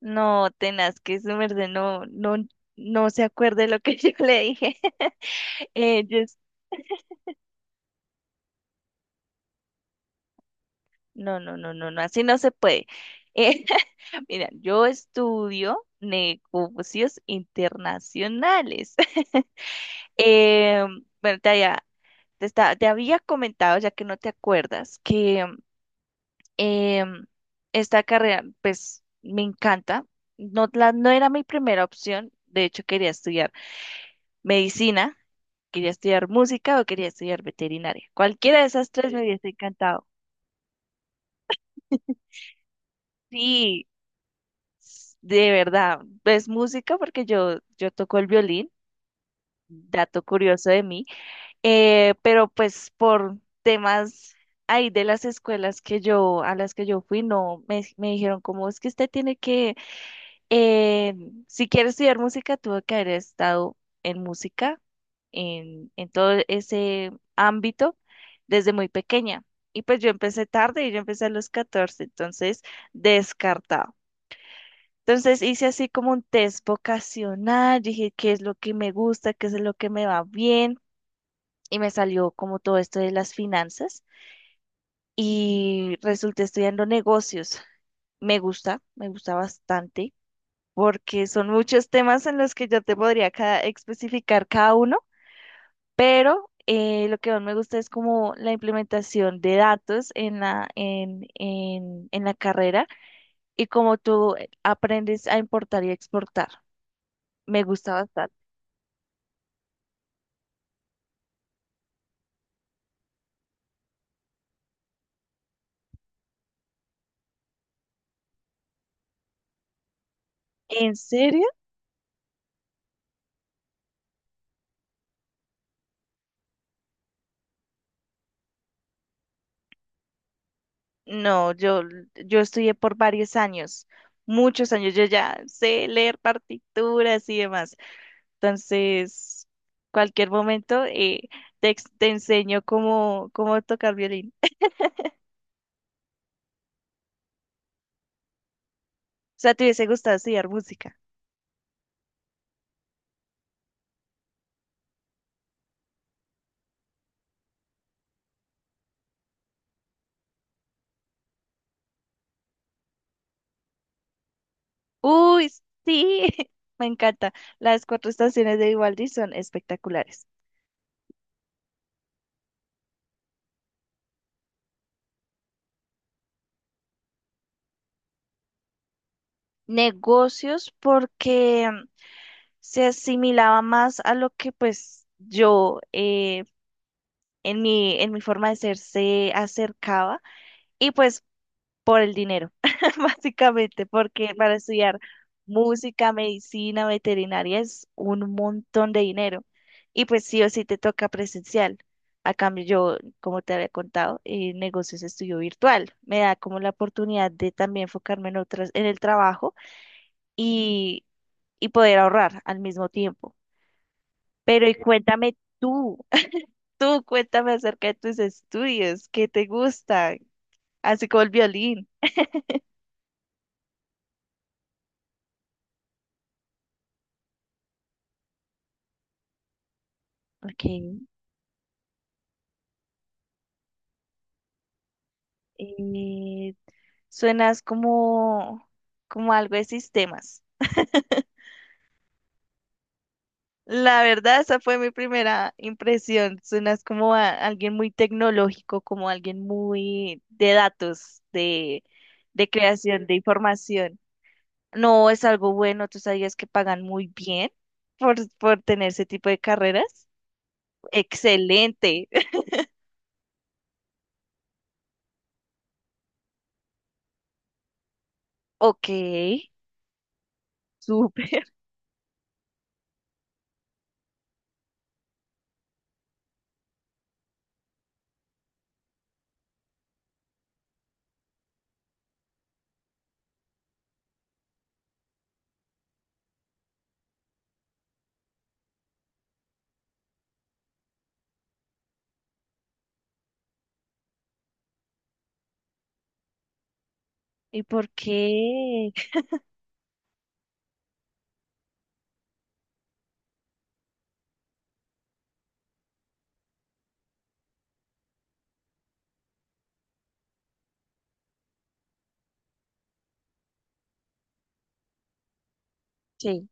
No, tenaz, que su no, no, no se acuerde lo que yo le dije. Eh, yo es- no, no, no, no, no, así no se puede. Eh, Mira, yo estudio negocios internacionales. Bueno, te había comentado, ya que no te acuerdas, que em, esta carrera, pues, me encanta. No, no era mi primera opción. De hecho, quería estudiar medicina, quería estudiar música o quería estudiar veterinaria. Cualquiera de esas tres me, sí, hubiese encantado. Sí, de verdad, es música, porque yo toco el violín, dato curioso de mí. Pero pues por temas ahí de las escuelas a las que yo fui, no, me dijeron como es que usted tiene que... Eh, si quiero estudiar música, tuve que haber estado en música, en todo ese ámbito, desde muy pequeña. Y pues yo empecé tarde, y yo empecé a los 14, entonces descartado. Entonces hice así como un test vocacional, dije qué es lo que me gusta, qué es lo que me va bien, y me salió como todo esto de las finanzas y resulté estudiando negocios. Me gusta bastante, porque son muchos temas en los que yo te podría especificar cada uno. Pero lo que más me gusta es como la implementación de datos en la carrera, y cómo tú aprendes a importar y exportar. Me gusta bastante. ¿En serio? No, yo, estudié por varios años, muchos años. Yo ya sé leer partituras y demás. Entonces, cualquier momento, te enseño cómo tocar violín. O sea, ¿te hubiese gustado estudiar música? Uy, sí, me encanta. Las Cuatro Estaciones de Vivaldi son espectaculares. Negocios porque se asimilaba más a lo que, pues, yo... en mi, forma de ser se acercaba, y pues por el dinero, básicamente, porque para estudiar música, medicina, veterinaria es un montón de dinero, y pues sí o sí te toca presencial. A cambio, yo, como te había contado, negocios estudio virtual. Me da como la oportunidad de también enfocarme en en el trabajo, y, y, poder ahorrar al mismo tiempo. Pero y tú cuéntame acerca de tus estudios. ¿Qué te gusta? Así como el violín. Ok. eh, Suenas como algo de sistemas. La verdad, esa fue mi primera impresión. Suenas como a alguien muy tecnológico, como alguien muy de datos, de creación de información. No, es algo bueno. Tú sabías que pagan muy bien por tener ese tipo de carreras. Excelente. Ok, súper. ¿Y por qué? Sí,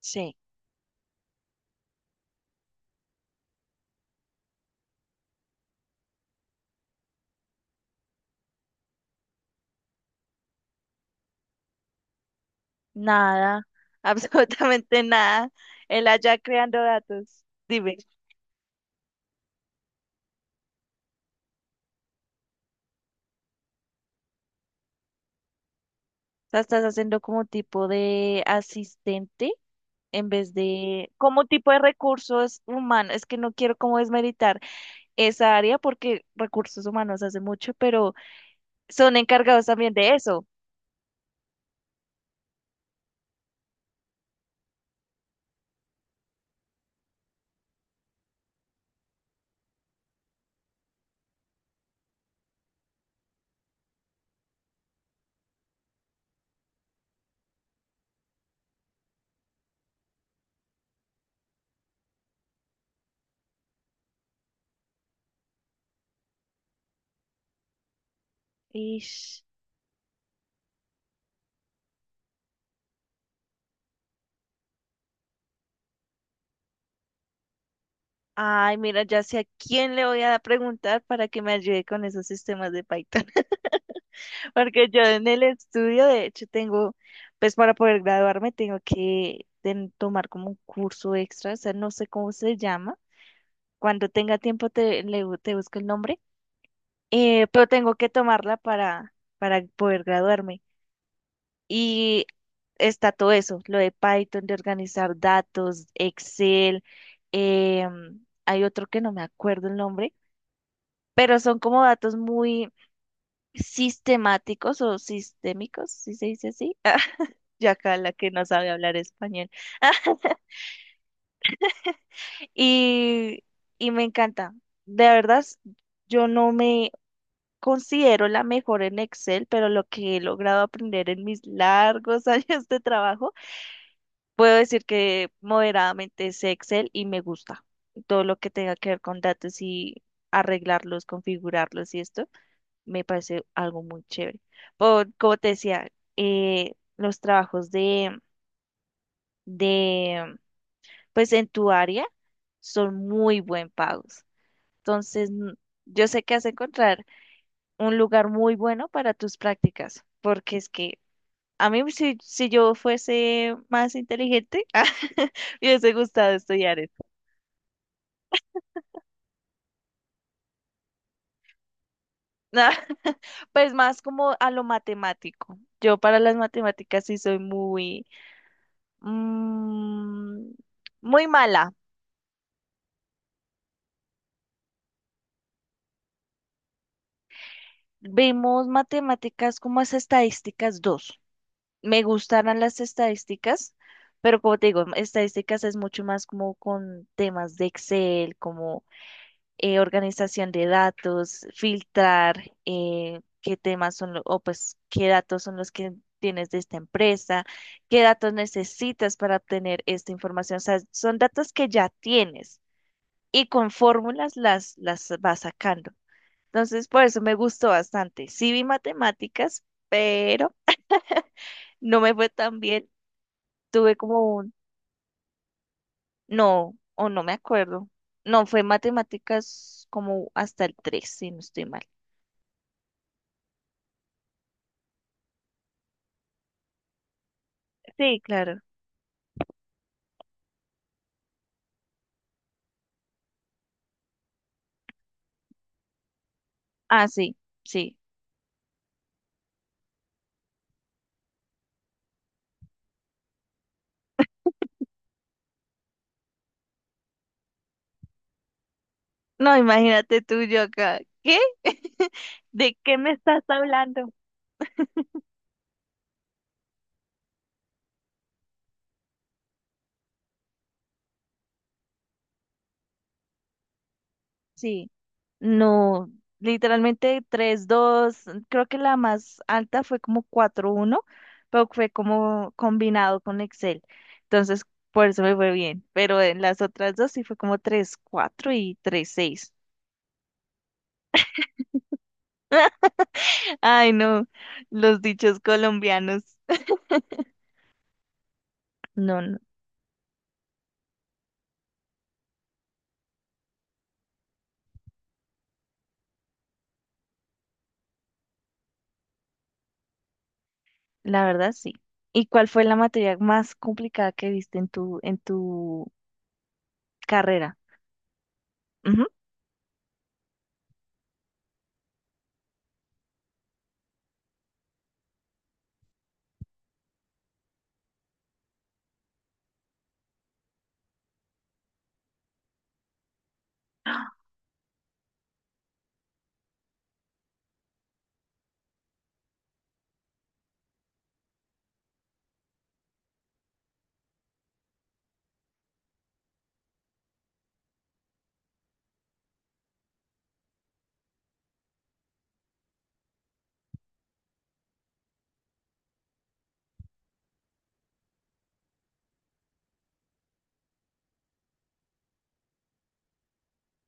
sí, nada, absolutamente nada. Él allá creando datos. Dime, o sea, estás haciendo como tipo de asistente en vez de, como tipo de recursos humanos. Es que no quiero como desmeritar esa área, porque recursos humanos hace mucho, pero son encargados también de eso. Ish. Ay, mira, ya sé a quién le voy a preguntar para que me ayude con esos sistemas de Python. Porque yo en el estudio, de hecho, pues para poder graduarme, tengo que tomar como un curso extra, o sea, no sé cómo se llama. Cuando tenga tiempo te busco el nombre. Pero tengo que tomarla para poder graduarme. Y está todo eso, lo de Python, de organizar datos, Excel, hay otro que no me acuerdo el nombre, pero son como datos muy sistemáticos o sistémicos, si se dice así. Yo acá, la que no sabe hablar español. Y, me encanta. De verdad, yo no me considero la mejor en Excel, pero lo que he logrado aprender en mis largos años de trabajo, puedo decir que moderadamente sé Excel, y me gusta todo lo que tenga que ver con datos y arreglarlos, configurarlos y esto. Me parece algo muy chévere. Por, como te decía, los trabajos de, de, pues en tu área son muy buen pagos. Entonces, yo sé que has de encontrar un lugar muy bueno para tus prácticas, porque es que a mí, si, yo fuese más inteligente, me hubiese gustado estudiar esto. Pues más como a lo matemático. Yo, para las matemáticas, sí soy muy, Mm, muy mala. Vimos matemáticas como es estadísticas dos. Me gustaron las estadísticas, pero como te digo, estadísticas es mucho más como con temas de Excel, como organización de datos, filtrar, qué temas son, o pues qué datos son los que tienes de esta empresa, qué datos necesitas para obtener esta información. O sea, son datos que ya tienes, y con fórmulas las, vas sacando. Entonces, por eso me gustó bastante. Sí vi matemáticas, pero no me fue tan bien. Tuve como un, no, o no me acuerdo. No, fue matemáticas como hasta el 3, si no estoy mal. Sí, claro. Ah, sí, sí. No, imagínate tú, yo acá. ¿Qué? ¿De qué me estás hablando? Sí. No, literalmente tres dos, creo que la más alta fue como cuatro uno, pero fue como combinado con Excel. Entonces, por eso me fue bien. Pero en las otras dos sí fue como tres cuatro y tres seis. Ay, no, los dichos colombianos. No, no, la verdad sí. ¿Y cuál fue la materia más complicada que viste en tu carrera? Ujú.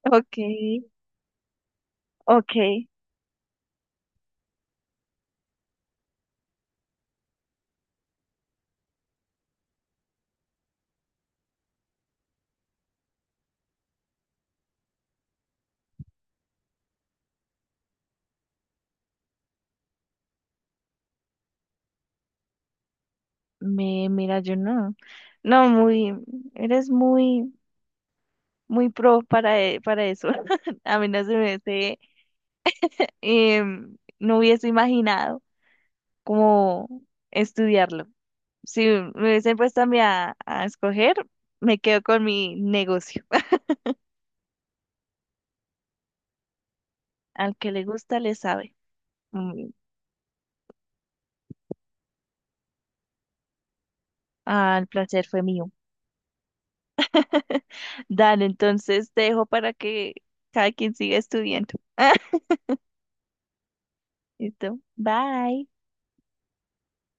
Ok, ok. Mira, yo no. No, eres muy, muy pro para eso. A mí no se me hubiese, no hubiese imaginado cómo estudiarlo. Si me hubiesen puesto a mí a escoger, me quedo con mi negocio. Al que le gusta, le sabe. Mm. Ah, el placer fue mío. Dale, entonces te dejo para que cada quien siga estudiando. Listo. Bye.